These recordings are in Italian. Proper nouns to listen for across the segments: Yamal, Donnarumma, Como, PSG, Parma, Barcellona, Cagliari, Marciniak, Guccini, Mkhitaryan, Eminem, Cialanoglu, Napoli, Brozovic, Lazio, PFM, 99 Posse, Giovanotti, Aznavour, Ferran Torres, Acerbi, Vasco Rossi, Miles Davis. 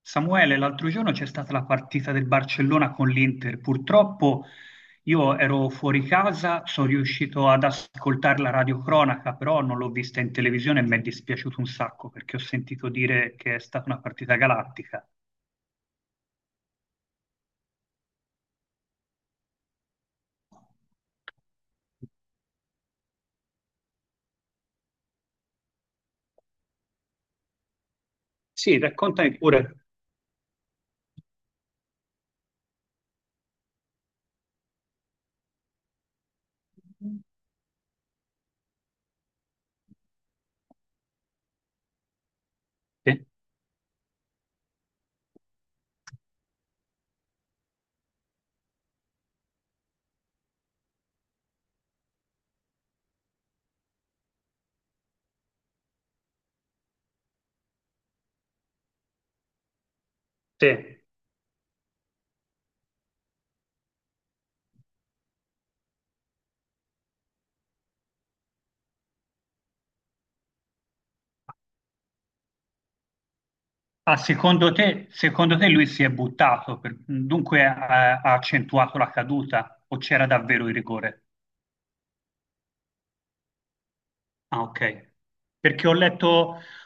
Samuele, l'altro giorno c'è stata la partita del Barcellona con l'Inter. Purtroppo io ero fuori casa, sono riuscito ad ascoltare la radiocronaca, però non l'ho vista in televisione e mi è dispiaciuto un sacco perché ho sentito dire che è stata una partita galattica. Sì, raccontami pure. Sì. Sì. Ah, secondo te lui si è buttato, dunque ha accentuato la caduta o c'era davvero il rigore? Ah, ok. Perché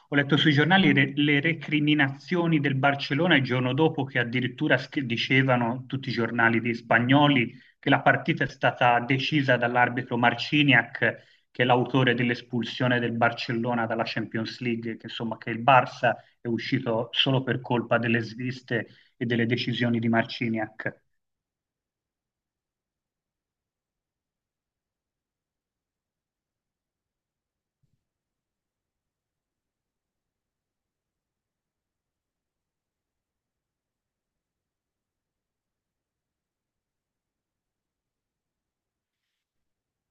ho letto sui giornali le recriminazioni del Barcellona il giorno dopo che addirittura dicevano tutti i giornali di spagnoli che la partita è stata decisa dall'arbitro Marciniak, che è l'autore dell'espulsione del Barcellona dalla Champions League, che insomma che il Barça è uscito solo per colpa delle sviste e delle decisioni di Marciniak.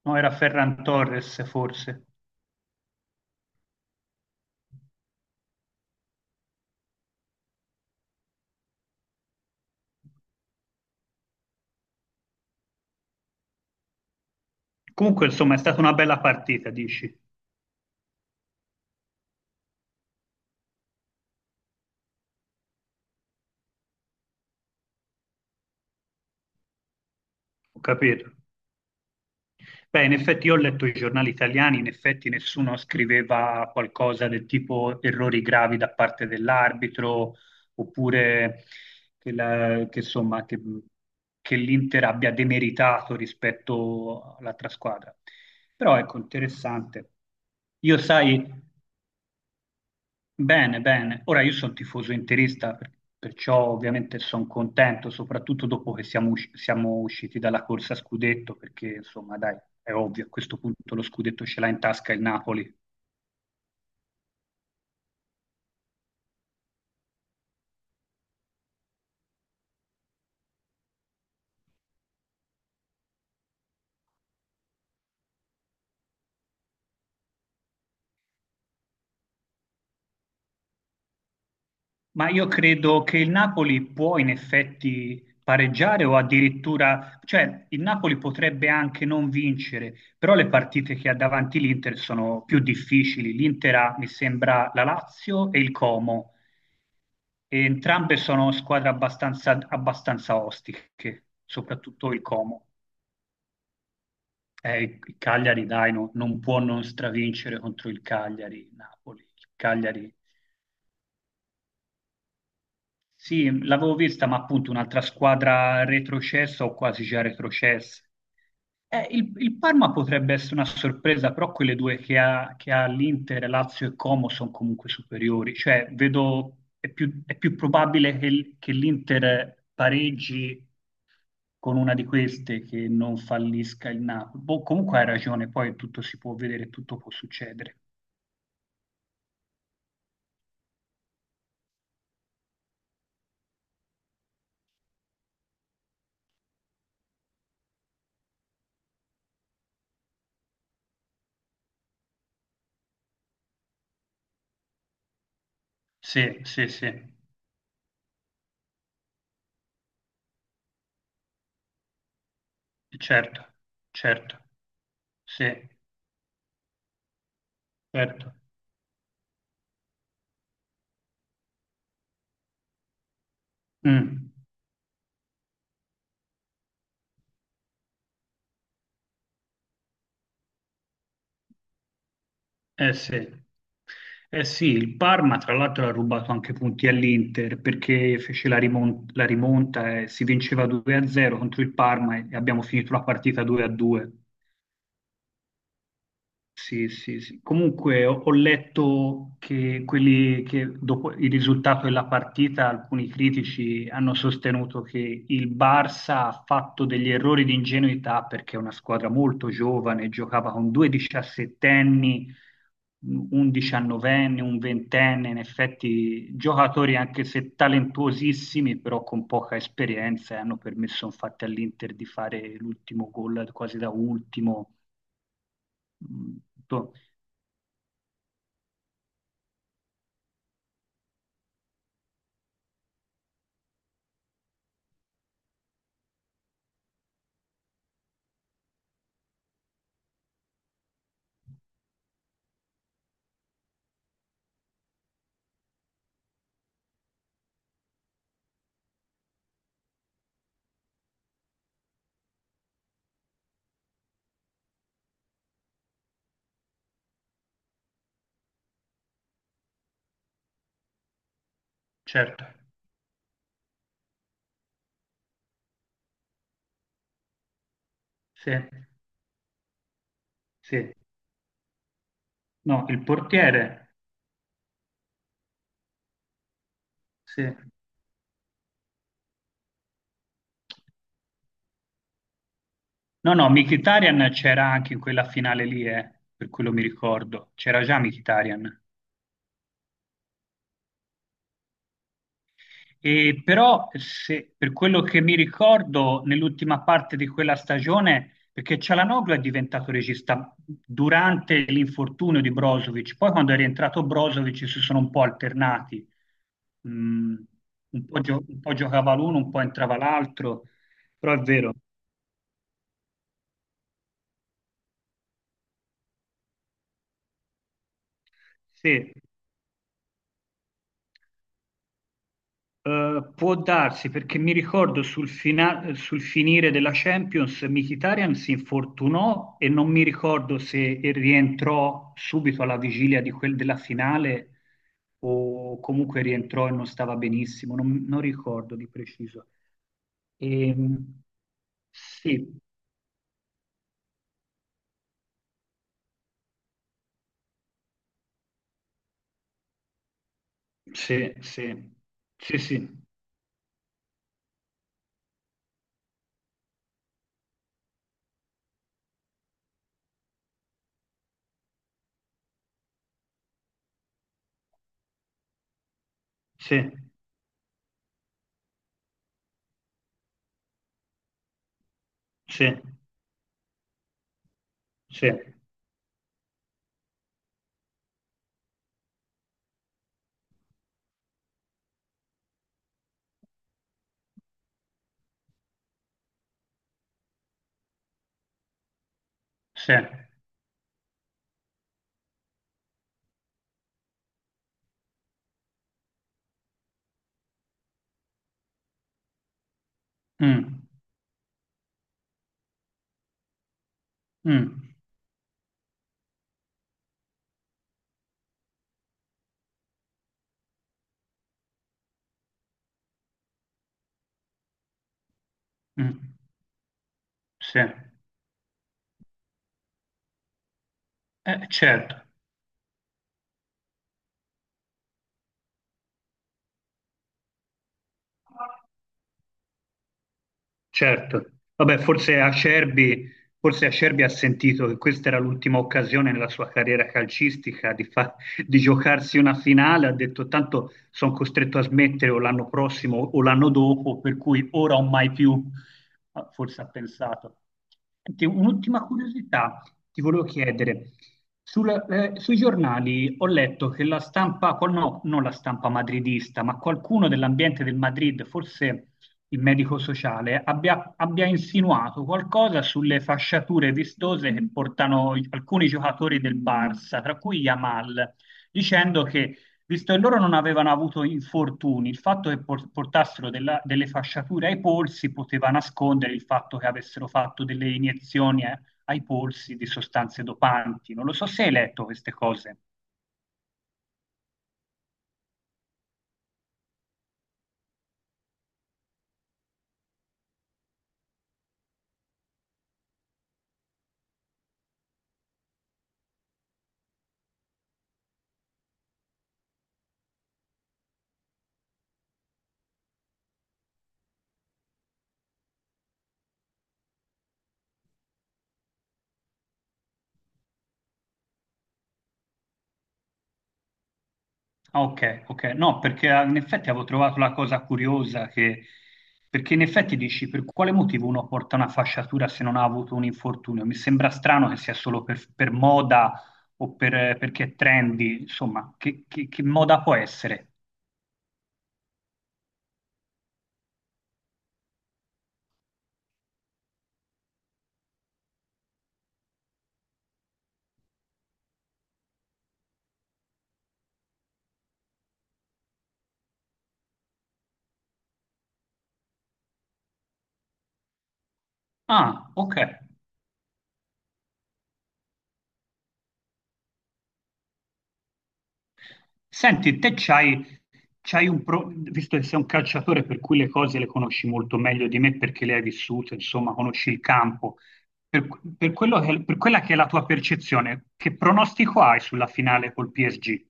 No, era Ferran Torres forse. Comunque, insomma, è stata una bella partita, dici? Ho capito. Beh, in effetti io ho letto i giornali italiani, in effetti nessuno scriveva qualcosa del tipo errori gravi da parte dell'arbitro, oppure che, che, insomma, che l'Inter abbia demeritato rispetto all'altra squadra. Però ecco, interessante. Io sai, bene, bene. Ora io sono tifoso interista, perciò ovviamente sono contento, soprattutto dopo che siamo usciti dalla corsa a scudetto, perché insomma, dai, è ovvio, a questo punto lo scudetto ce l'ha in tasca il Napoli. Ma io credo che il Napoli può in effetti pareggiare o addirittura, cioè il Napoli potrebbe anche non vincere, però le partite che ha davanti l'Inter sono più difficili. L'Inter ha, mi sembra, la Lazio e il Como. E entrambe sono squadre abbastanza ostiche, soprattutto il Como. Il Cagliari, dai, non può non stravincere contro il Cagliari, Napoli. Il Cagliari, sì, l'avevo vista, ma appunto un'altra squadra retrocessa o quasi già retrocessa. Il Parma potrebbe essere una sorpresa, però quelle due che ha l'Inter, Lazio e Como sono comunque superiori. Cioè, vedo, è più probabile che, che l'Inter pareggi con una di queste che non fallisca il Napoli. Boh, comunque hai ragione, poi tutto si può vedere, tutto può succedere. Sì, sì, sì, certo, certo, sì, certo. Mm. Eh sì. Eh sì, il Parma tra l'altro ha rubato anche punti all'Inter perché fece la la rimonta, e si vinceva 2-0 contro il Parma e abbiamo finito la partita 2-2. Sì, sì, sì. Comunque ho letto che quelli che dopo il risultato della partita, alcuni critici hanno sostenuto che il Barça ha fatto degli errori di ingenuità perché è una squadra molto giovane, giocava con due diciassettenni, un diciannovenne, un ventenne, in effetti giocatori anche se talentuosissimi, però con poca esperienza e hanno permesso infatti all'Inter di fare l'ultimo gol quasi da ultimo. Mm. Certo, sì, sì. No, il portiere, sì. No, no, Mkhitaryan c'era anche in quella finale lì, per quello mi ricordo. C'era già Mkhitaryan. E però, se, per quello che mi ricordo, nell'ultima parte di quella stagione, perché Cialanoglu è diventato regista durante l'infortunio di Brozovic, poi quando è rientrato Brozovic si sono un po' alternati. Mm, un po', un po' giocava l'uno, un po' entrava l'altro, però è vero. Sì, può darsi perché mi ricordo sul finire della Champions Mkhitaryan si infortunò e non mi ricordo se rientrò subito alla vigilia di della finale o comunque rientrò e non stava benissimo, non ricordo di preciso. Ehm, sì, sì, sì, sì, sì, sì, sì, sì, sì. Mm, mm, mm, sì. Certo. Certo, vabbè, forse Acerbi ha sentito che questa era l'ultima occasione nella sua carriera calcistica di, di giocarsi una finale, ha detto tanto sono costretto a smettere o l'anno prossimo o l'anno dopo, per cui ora o mai più. Ah, forse ha pensato. Senti, un'ultima curiosità ti volevo chiedere. Sui giornali ho letto che la stampa, no, non la stampa madridista, ma qualcuno dell'ambiente del Madrid, forse il medico sociale, abbia insinuato qualcosa sulle fasciature vistose che portano alcuni giocatori del Barça, tra cui Yamal, dicendo che, visto che loro non avevano avuto infortuni, il fatto che portassero delle fasciature ai polsi poteva nascondere il fatto che avessero fatto delle iniezioni ai polsi di sostanze dopanti. Non lo so se hai letto queste cose. Ah, ok, ok. No, perché ah, in effetti avevo trovato la cosa curiosa che... Perché in effetti dici, per quale motivo uno porta una fasciatura se non ha avuto un infortunio? Mi sembra strano che sia solo per moda o perché è trendy, insomma, che moda può essere? Ah, ok. Senti, c'hai un visto che sei un calciatore per cui le cose le conosci molto meglio di me perché le hai vissute, insomma, conosci il campo. Per, per quello per quella che è la tua percezione, che pronostico hai sulla finale col PSG?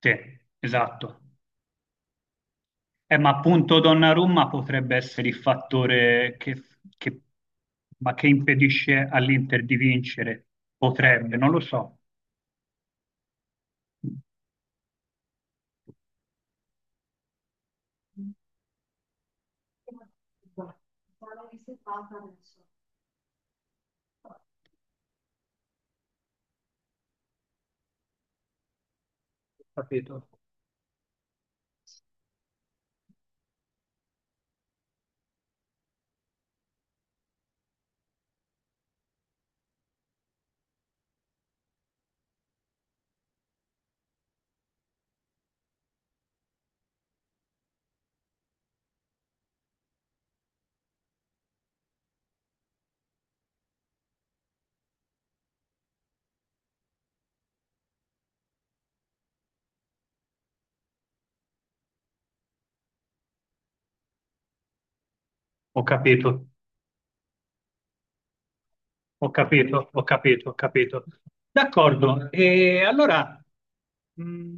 Te, esatto. Ma appunto Donnarumma potrebbe essere il fattore che- ma che impedisce all'Inter di vincere. Potrebbe, non lo so. Ho capito. Ho capito. Ho capito, ho capito, ho capito. D'accordo, e allora mh,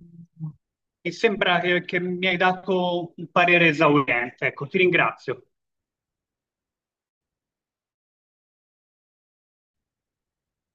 mi sembra che mi hai dato un parere esauriente, ecco, ti ringrazio.